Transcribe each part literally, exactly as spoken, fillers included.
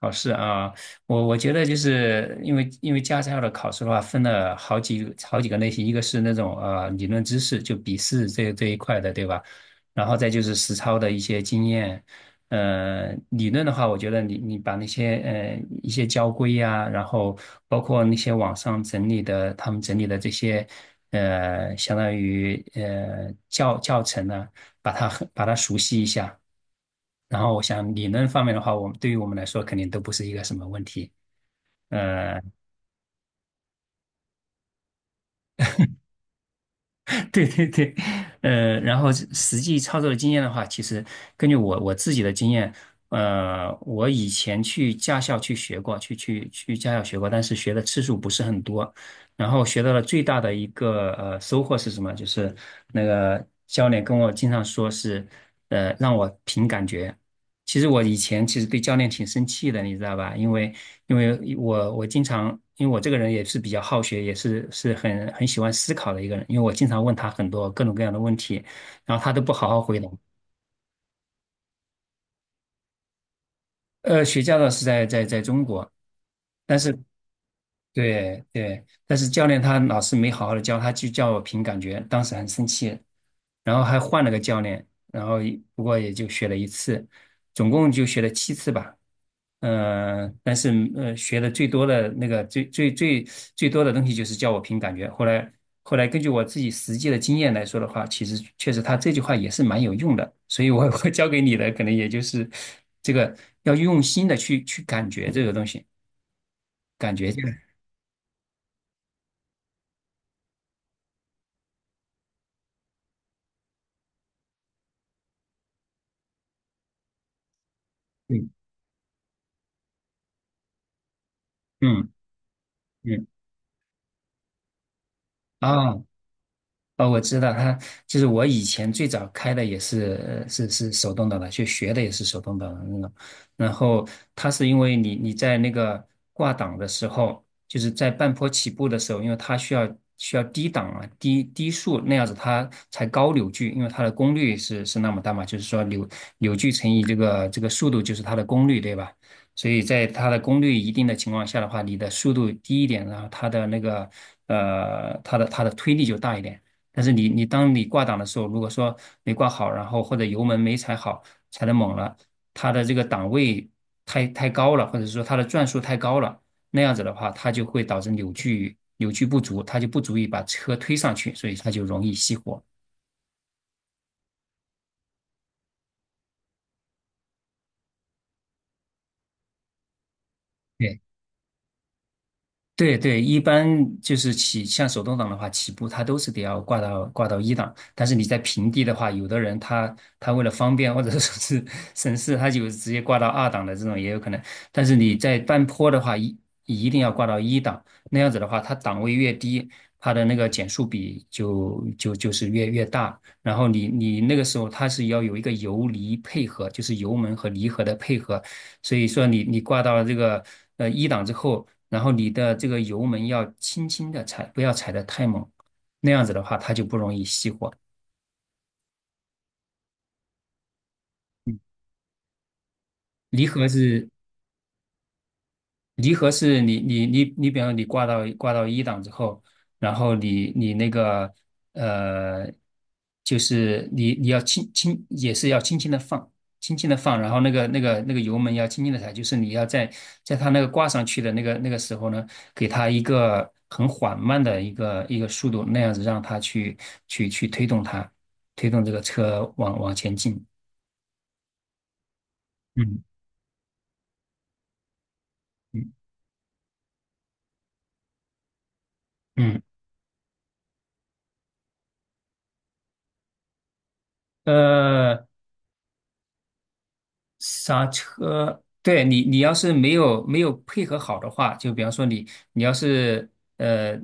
考试啊，我我觉得就是因为因为驾校的考试的话，分了好几好几个类型，一个是那种呃理论知识，就笔试这这一块的，对吧？然后再就是实操的一些经验。呃，理论的话，我觉得你你把那些呃一些交规呀、然后包括那些网上整理的他们整理的这些呃，相当于呃教教程呢、把它很把它熟悉一下。然后我想理论方面的话，我们对于我们来说肯定都不是一个什么问题。呃，对对对，呃，然后实际操作的经验的话，其实根据我我自己的经验，呃，我以前去驾校去学过，去去去驾校学过，但是学的次数不是很多。然后学到了最大的一个呃收获是什么？就是那个教练跟我经常说是，呃，让我凭感觉。其实我以前其实对教练挺生气的，你知道吧？因为因为我我经常，因为我这个人也是比较好学，也是是很很喜欢思考的一个人，因为我经常问他很多各种各样的问题，然后他都不好好回答。呃，学驾照是在在在中国，但是对对，但是教练他老师没好好的教，他就叫我凭感觉，当时很生气，然后还换了个教练，然后不过也就学了一次，总共就学了七次吧。嗯，但是呃，学的最多的那个最最最最多的东西就是叫我凭感觉。后来后来根据我自己实际的经验来说的话，其实确实他这句话也是蛮有用的。所以我我教给你的可能也就是这个要用心的去去感觉这个东西，感觉这个，嗯嗯嗯啊哦，我知道他就是我以前最早开的也是是是手动挡的，就学的也是手动挡的那种。然后它是因为你你在那个挂档的时候，就是在半坡起步的时候，因为它需要需要低档啊低低速那样子它才高扭矩，因为它的功率是是那么大嘛，就是说扭扭矩乘以这个这个速度就是它的功率，对吧？所以在它的功率一定的情况下的话，你的速度低一点，然后它的那个呃它的它的推力就大一点。但是你你当你挂档的时候，如果说没挂好，然后或者油门没踩好，踩的猛了，它的这个档位太太高了，或者说它的转速太高了，那样子的话，它就会导致扭矩扭矩不足，它就不足以把车推上去，所以它就容易熄火。对对对，一般就是起，像手动挡的话，起步它都是得要挂到挂到一档。但是你在平地的话，有的人他他为了方便或者说是 省事，他就直接挂到二档的这种也有可能。但是你在半坡的话，一一定要挂到一档，那样子的话，它档位越低，它的那个减速比就就就是越越大。然后你你那个时候它是要有一个油离配合，就是油门和离合的配合，所以说你你挂到这个呃一档之后，然后你的这个油门要轻轻的踩，不要踩得太猛，那样子的话它就不容易熄火。离合是离合是你你你你，比方说你挂到挂到一档之后，然后你你那个呃，就是你你要轻轻也是要轻轻的放，轻轻的放，然后那个那个那个油门要轻轻的踩，就是你要在在它那个挂上去的那个那个时候呢，给它一个很缓慢的一个一个速度，那样子让它去去去推动它，推动这个车往往前进。嗯嗯嗯，呃。刹车，对你，你要是没有没有配合好的话，就比方说你，你要是呃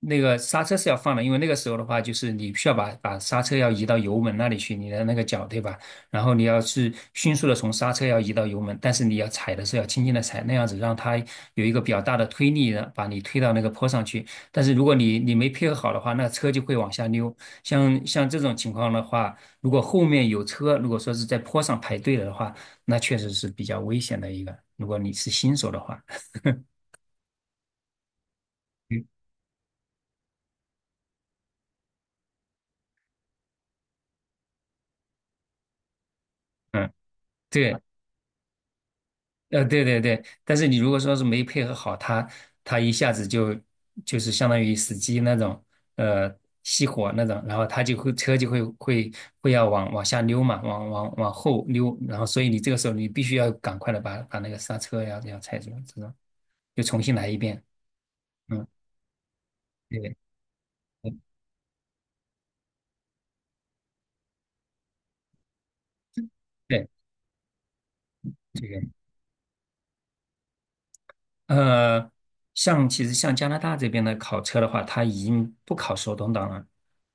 那个刹车是要放的，因为那个时候的话，就是你需要把把刹车要移到油门那里去，你的那个脚对吧？然后你要是迅速的从刹车要移到油门，但是你要踩的时候要轻轻的踩，那样子让它有一个比较大的推力的把你推到那个坡上去。但是如果你你没配合好的话，那车就会往下溜。像像这种情况的话。如果后面有车，如果说是在坡上排队了的话，那确实是比较危险的一个。如果你是新手的话，嗯，对，呃，对对对。但是你如果说是没配合好，他他一下子就就是相当于死机那种，呃，熄火那种，然后他就会车就会会会要往往下溜嘛，往往往后溜，然后所以你这个时候你必须要赶快的把把那个刹车呀这样踩住，这种就重新来一遍。嗯，对对对，这个。呃，像其实像加拿大这边的考车的话，它已经不考手动挡了，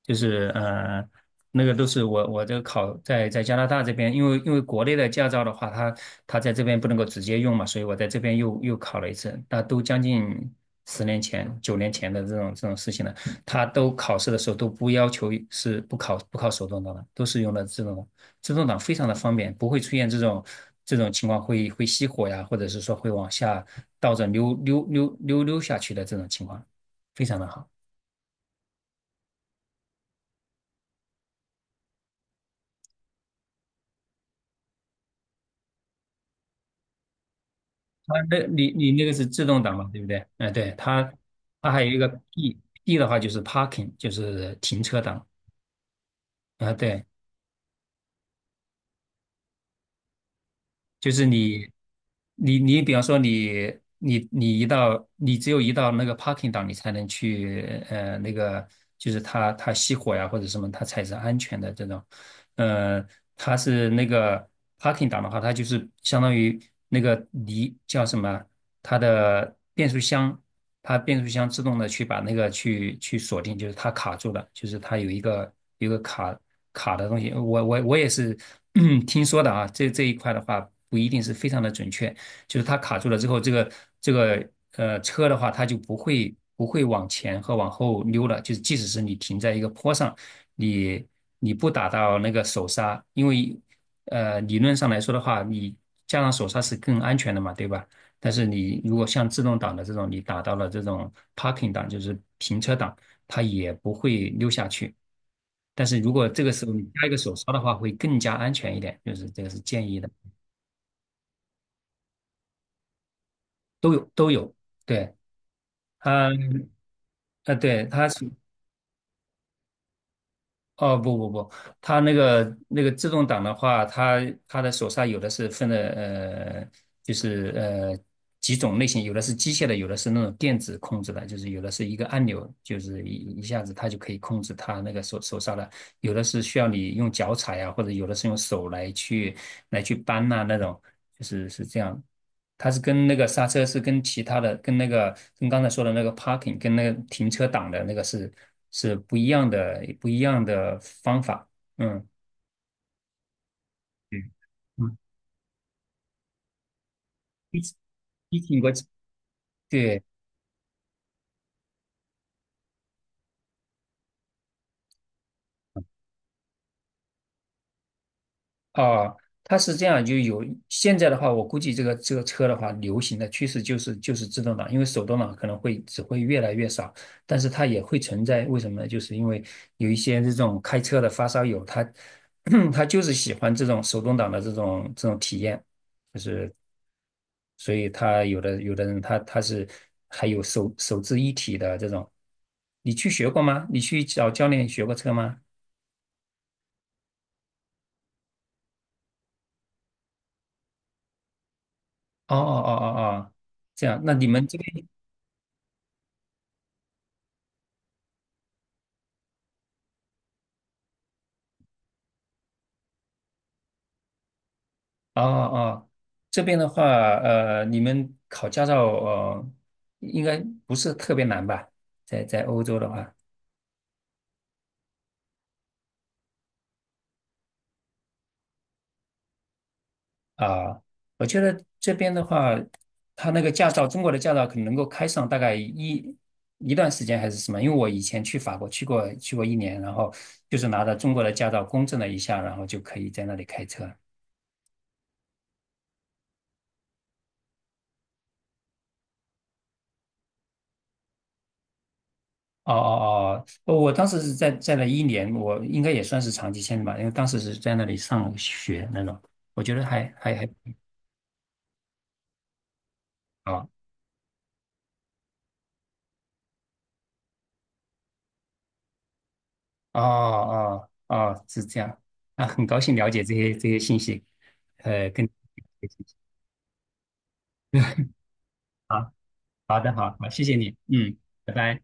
就是呃，那个都是我我这个考在在加拿大这边，因为因为国内的驾照的话，它它在这边不能够直接用嘛，所以我在这边又又考了一次，那都将近十年前、九年前的这种这种事情了。它都考试的时候都不要求是不考不考手动挡的，都是用的自动挡。自动挡非常的方便，不会出现这种这种情况会会熄火呀，或者是说会往下倒着溜溜溜溜溜下去的这种情况，非常的好。啊，那你你那个是自动挡嘛，对不对？嗯，对，它它还有一个 P。 P 的话就是 parking，就是停车档啊，对，就是你你你比方说你你你一到，你只有一到那个 parking 档，你才能去呃那个就是它它熄火呀或者什么，它才是安全的这种。呃，它是那个 parking 档的话，它就是相当于那个离叫什么，它的变速箱，它变速箱自动的去把那个去去锁定，就是它卡住了，就是它有一个有一个卡卡的东西。我我我也是 听说的啊，这这一块的话不一定是非常的准确，就是它卡住了之后，这个这个呃车的话，它就不会不会往前和往后溜了。就是即使是你停在一个坡上，你你不打到那个手刹，因为呃理论上来说的话，你加上手刹是更安全的嘛，对吧？但是你如果像自动挡的这种，你打到了这种 parking 档，就是停车档，它也不会溜下去。但是如果这个时候你加一个手刹的话，会更加安全一点，就是这个是建议的，都有都有。对。嗯，呃，对，它是，哦，不不不，它那个那个自动挡的话，它它的手刹有的是分的，呃，就是呃几种类型，有的是机械的，有的是那种电子控制的，就是有的是一个按钮，就是一一下子它就可以控制它那个手手刹的，有的是需要你用脚踩呀，或者有的是用手来去来去扳呐、那种，就是是这样。它是跟那个刹车是跟其他的，跟那个跟刚才说的那个 parking 跟那个停车档的那个是是不一样的，不一样的方法。嗯，对，嗯，提醒过对啊，它是这样，就有现在的话，我估计这个这个车的话，流行的趋势就是就是自动挡，因为手动挡可能会只会越来越少，但是它也会存在，为什么呢？就是因为有一些这种开车的发烧友，他 他就是喜欢这种手动挡的这种这种体验。就是所以他有的有的人他他是还有手手自一体的这种，你去学过吗？你去找教练学过车吗？哦哦哦哦哦，这样，那你们这边哦哦，这边的话，呃，你们考驾照呃，应该不是特别难吧？在在欧洲的话，啊，我觉得这边的话，他那个驾照，中国的驾照可能能够开上大概一一段时间还是什么？因为我以前去法国去过去过一年，然后就是拿着中国的驾照公证了一下，然后就可以在那里开车。哦哦哦，我当时是在在那一年，我应该也算是长期签的吧，因为当时是在那里上学那种，我觉得还还还。啊哦哦哦，是这样啊，很高兴了解这些这些信息，呃，跟。好的，好好，谢谢你，嗯，拜拜。